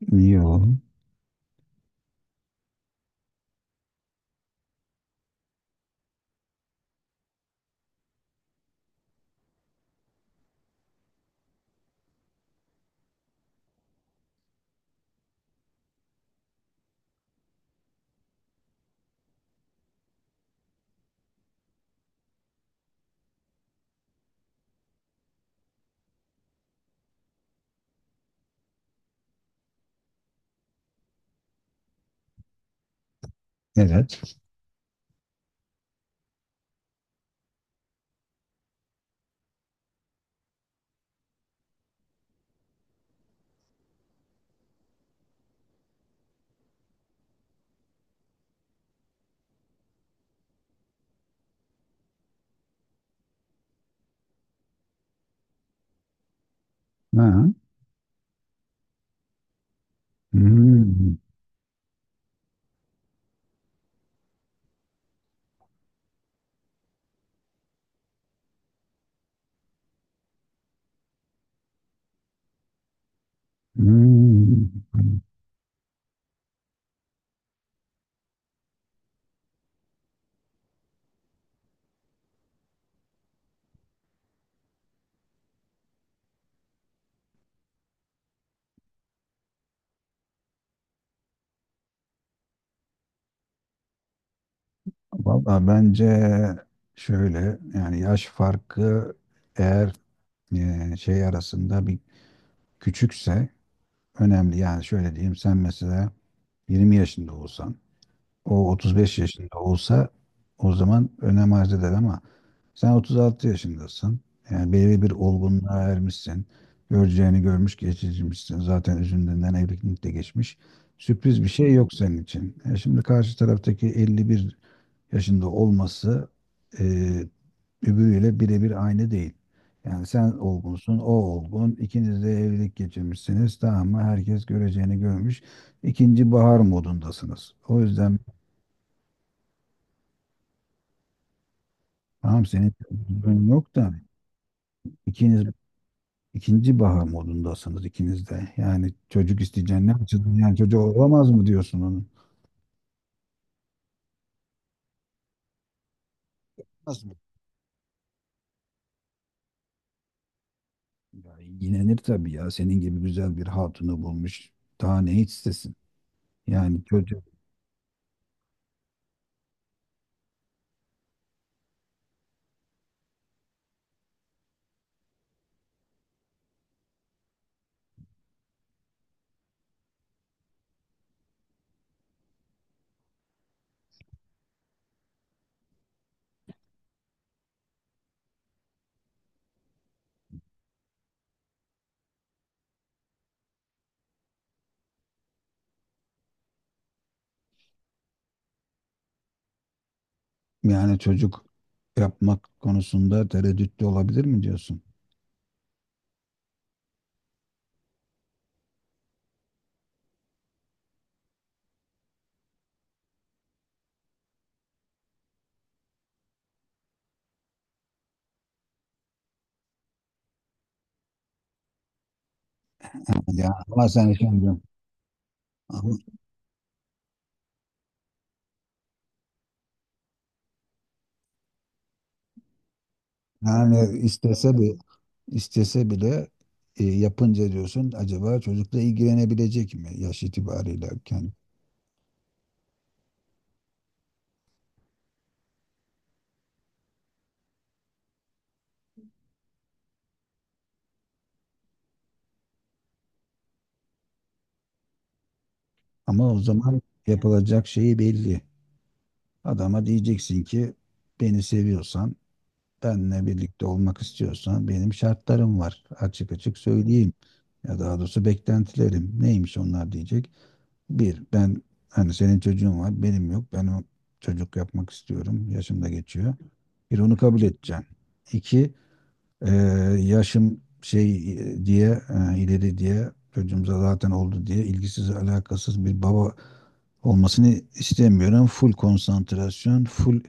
Yo, evet. Ha. Hmm. Hmm. Valla bence şöyle, yani yaş farkı eğer şey arasında bir küçükse önemli. Yani şöyle diyeyim, sen mesela 20 yaşında olsan, o 35 yaşında olsa o zaman önem arz eder ama sen 36 yaşındasın. Yani belirli bir olgunluğa ermişsin. Göreceğini görmüş, geçirmişsin. Zaten üzerinden evlilik de geçmiş. Sürpriz bir şey yok senin için. E şimdi karşı taraftaki 51 yaşında olması, e, öbürüyle birebir aynı değil. Yani sen olgunsun, o olgun. İkiniz de evlilik geçirmişsiniz. Tamam mı? Herkes göreceğini görmüş. İkinci bahar modundasınız. O yüzden tamam, senin bir sorunun yok da ikiniz, İkinci bahar modundasınız ikiniz de. Yani çocuk isteyeceksin ne açıdan? Yani çocuğu olamaz mı diyorsun onun? Olmaz mı? Ya, yinenir tabii ya. Senin gibi güzel bir hatunu bulmuş. Daha ne istesin? Yani çocuk yani çocuk yapmak konusunda tereddütlü olabilir mi diyorsun? Ya ama sen şimdi, ama yani istese bir, istese bile yapınca diyorsun acaba çocukla ilgilenebilecek mi yaş itibariyle kendi? Ama o zaman yapılacak şeyi belli. Adama diyeceksin ki, beni seviyorsan, benle birlikte olmak istiyorsan benim şartlarım var. Açık açık söyleyeyim. Ya daha doğrusu beklentilerim. Neymiş onlar diyecek. Bir, ben, hani senin çocuğun var, benim yok. Ben o çocuk yapmak istiyorum. Yaşım da geçiyor. Bir, onu kabul edeceğim. İki, ee, yaşım ileri diye çocuğumuza zaten oldu diye ilgisiz alakasız bir baba olmasını istemiyorum. Full konsantrasyon, full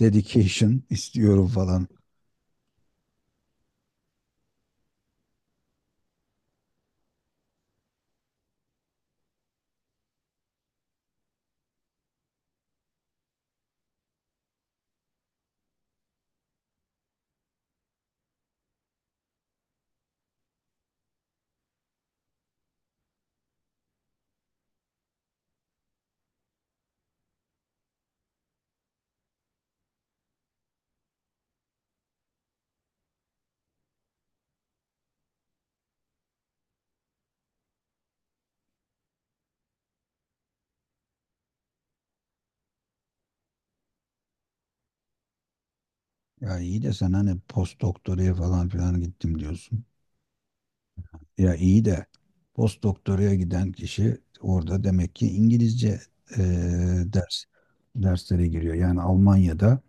dedication istiyorum falan. Ya iyi de sen hani post doktoraya falan filan gittim diyorsun. Ya iyi de, post doktoraya giden kişi orada demek ki İngilizce e, ders derslere giriyor. Yani Almanya'da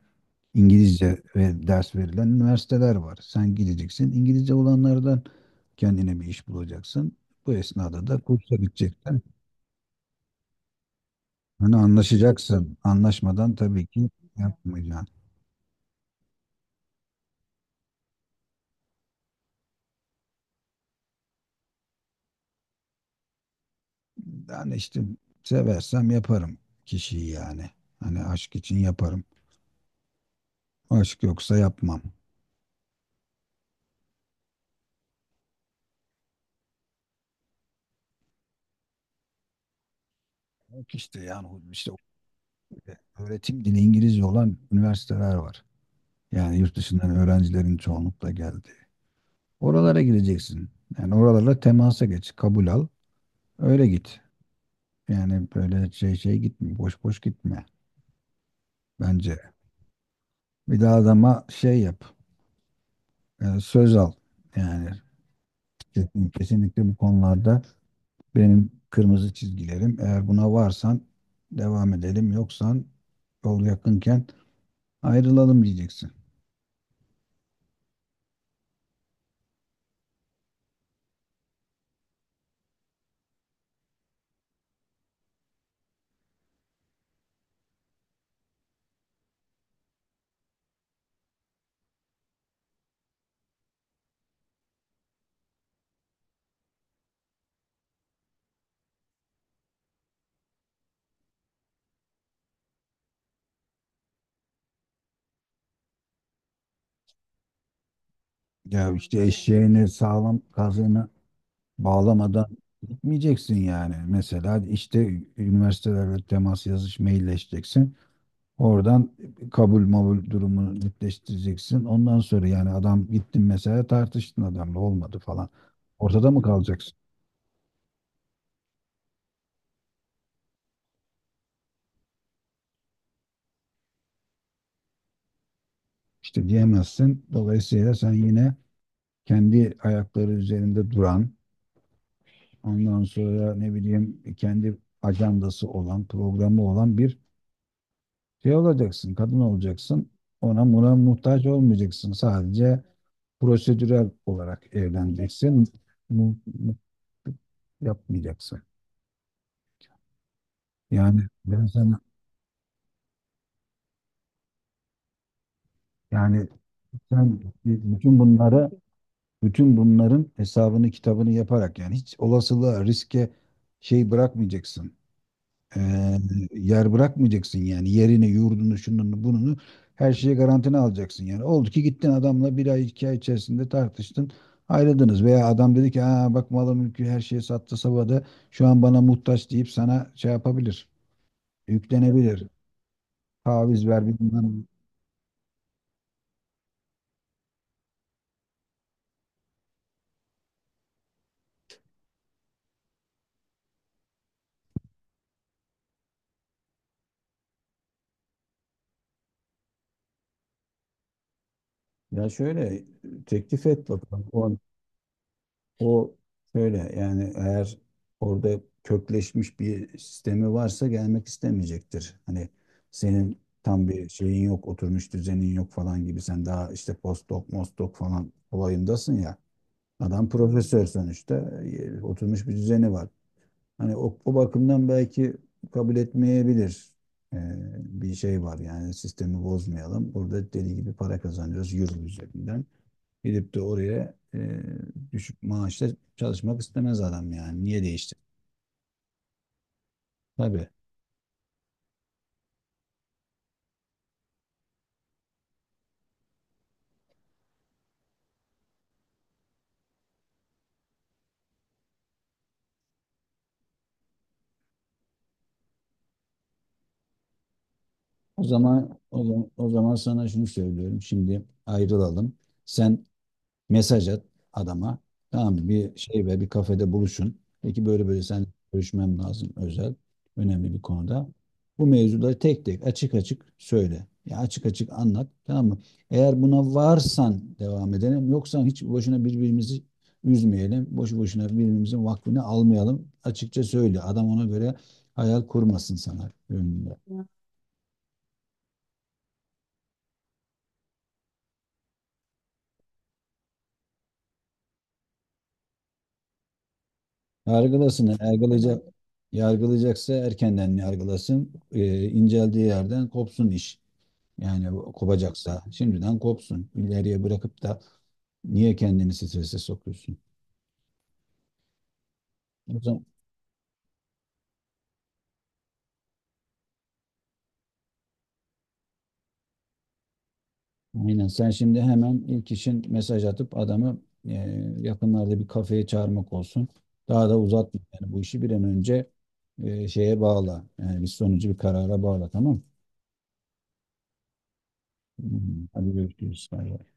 İngilizce ve ders verilen üniversiteler var. Sen gideceksin. İngilizce olanlardan kendine bir iş bulacaksın. Bu esnada da kursa gideceksin. Hani anlaşacaksın. Anlaşmadan tabii ki yapmayacaksın. Yani işte, seversem yaparım kişiyi yani. Hani aşk için yaparım. Aşk yoksa yapmam. Yok işte, yani işte öğretim dili İngilizce olan üniversiteler var. Yani yurt dışından öğrencilerin çoğunlukla geldi. Oralara gireceksin. Yani oralarla temasa geç, kabul al. Öyle git. Yani böyle şey gitme. Boş boş gitme. Bence. Bir daha adama şey yap. Söz al. Yani kesinlikle bu konularda benim kırmızı çizgilerim. Eğer buna varsan devam edelim. Yoksan yol yakınken ayrılalım diyeceksin. Ya işte eşeğini sağlam kazığını bağlamadan gitmeyeceksin yani. Mesela işte üniversitelerle temas, yazış, mailleşeceksin. Oradan kabul mabul durumunu netleştireceksin. Ondan sonra yani adam, gittin mesela, tartıştın adamla, olmadı falan. Ortada mı kalacaksın? İşte diyemezsin. Dolayısıyla sen yine kendi ayakları üzerinde duran, ondan sonra ne bileyim kendi ajandası olan, programı olan bir şey olacaksın. Kadın olacaksın. Ona buna muhtaç olmayacaksın. Sadece prosedürel olarak evleneceksin. Mu- mu- Yapmayacaksın. Yani ben sana, yani sen bütün bunları, bütün bunların hesabını kitabını yaparak yani hiç olasılığa, riske şey bırakmayacaksın. Ee, Yer bırakmayacaksın yani, yerini, yurdunu, şununu, bununu, her şeyi garantine alacaksın yani. Oldu ki gittin adamla bir ay iki ay içerisinde tartıştın, ayrıldınız veya adam dedi ki, aa, bak malı mülkü her şeyi sattı sabada şu an bana muhtaç deyip sana şey yapabilir, yüklenebilir, taviz ver bilmem. Ya şöyle, teklif et bakalım. O şöyle yani, eğer orada kökleşmiş bir sistemi varsa gelmek istemeyecektir. Hani senin tam bir şeyin yok, oturmuş düzenin yok falan gibi, sen daha işte postdoc, mostdoc falan olayındasın ya. Adam profesör sonuçta, oturmuş bir düzeni var. Hani o bakımdan belki kabul etmeyebilir. Ee, Bir şey var yani, sistemi bozmayalım. Burada deli gibi para kazanıyoruz euro üzerinden. Gidip de oraya düşük maaşla çalışmak istemez adam yani. Niye değişti? Tabii. O zaman o zaman sana şunu söylüyorum. Şimdi ayrılalım. Sen, mesaj at adama. Tamam bir şey ve bir kafede buluşun. Peki böyle böyle, sen görüşmem lazım özel, önemli bir konuda. Bu mevzuları tek tek açık açık söyle. Ya açık açık anlat. Tamam mı? Eğer buna varsan devam edelim. Yoksa hiç boşuna birbirimizi üzmeyelim. Boşu boşuna birbirimizin vaktini almayalım. Açıkça söyle. Adam ona göre hayal kurmasın sana önünde. Yargılasın. Yargılayacaksa erkenden yargılasın. İnceldiği yerden kopsun iş. Yani kopacaksa şimdiden kopsun. İleriye bırakıp da niye kendini strese sokuyorsun? O zaman aynen, sen şimdi hemen ilk işin mesaj atıp adamı e, yakınlarda bir kafeye çağırmak olsun. Daha da uzatma yani, bu işi bir an önce şeye bağla. Yani bir sonucu bir karara bağla, tamam mı? Hı hı. Hadi görüşürüz. Bay bay.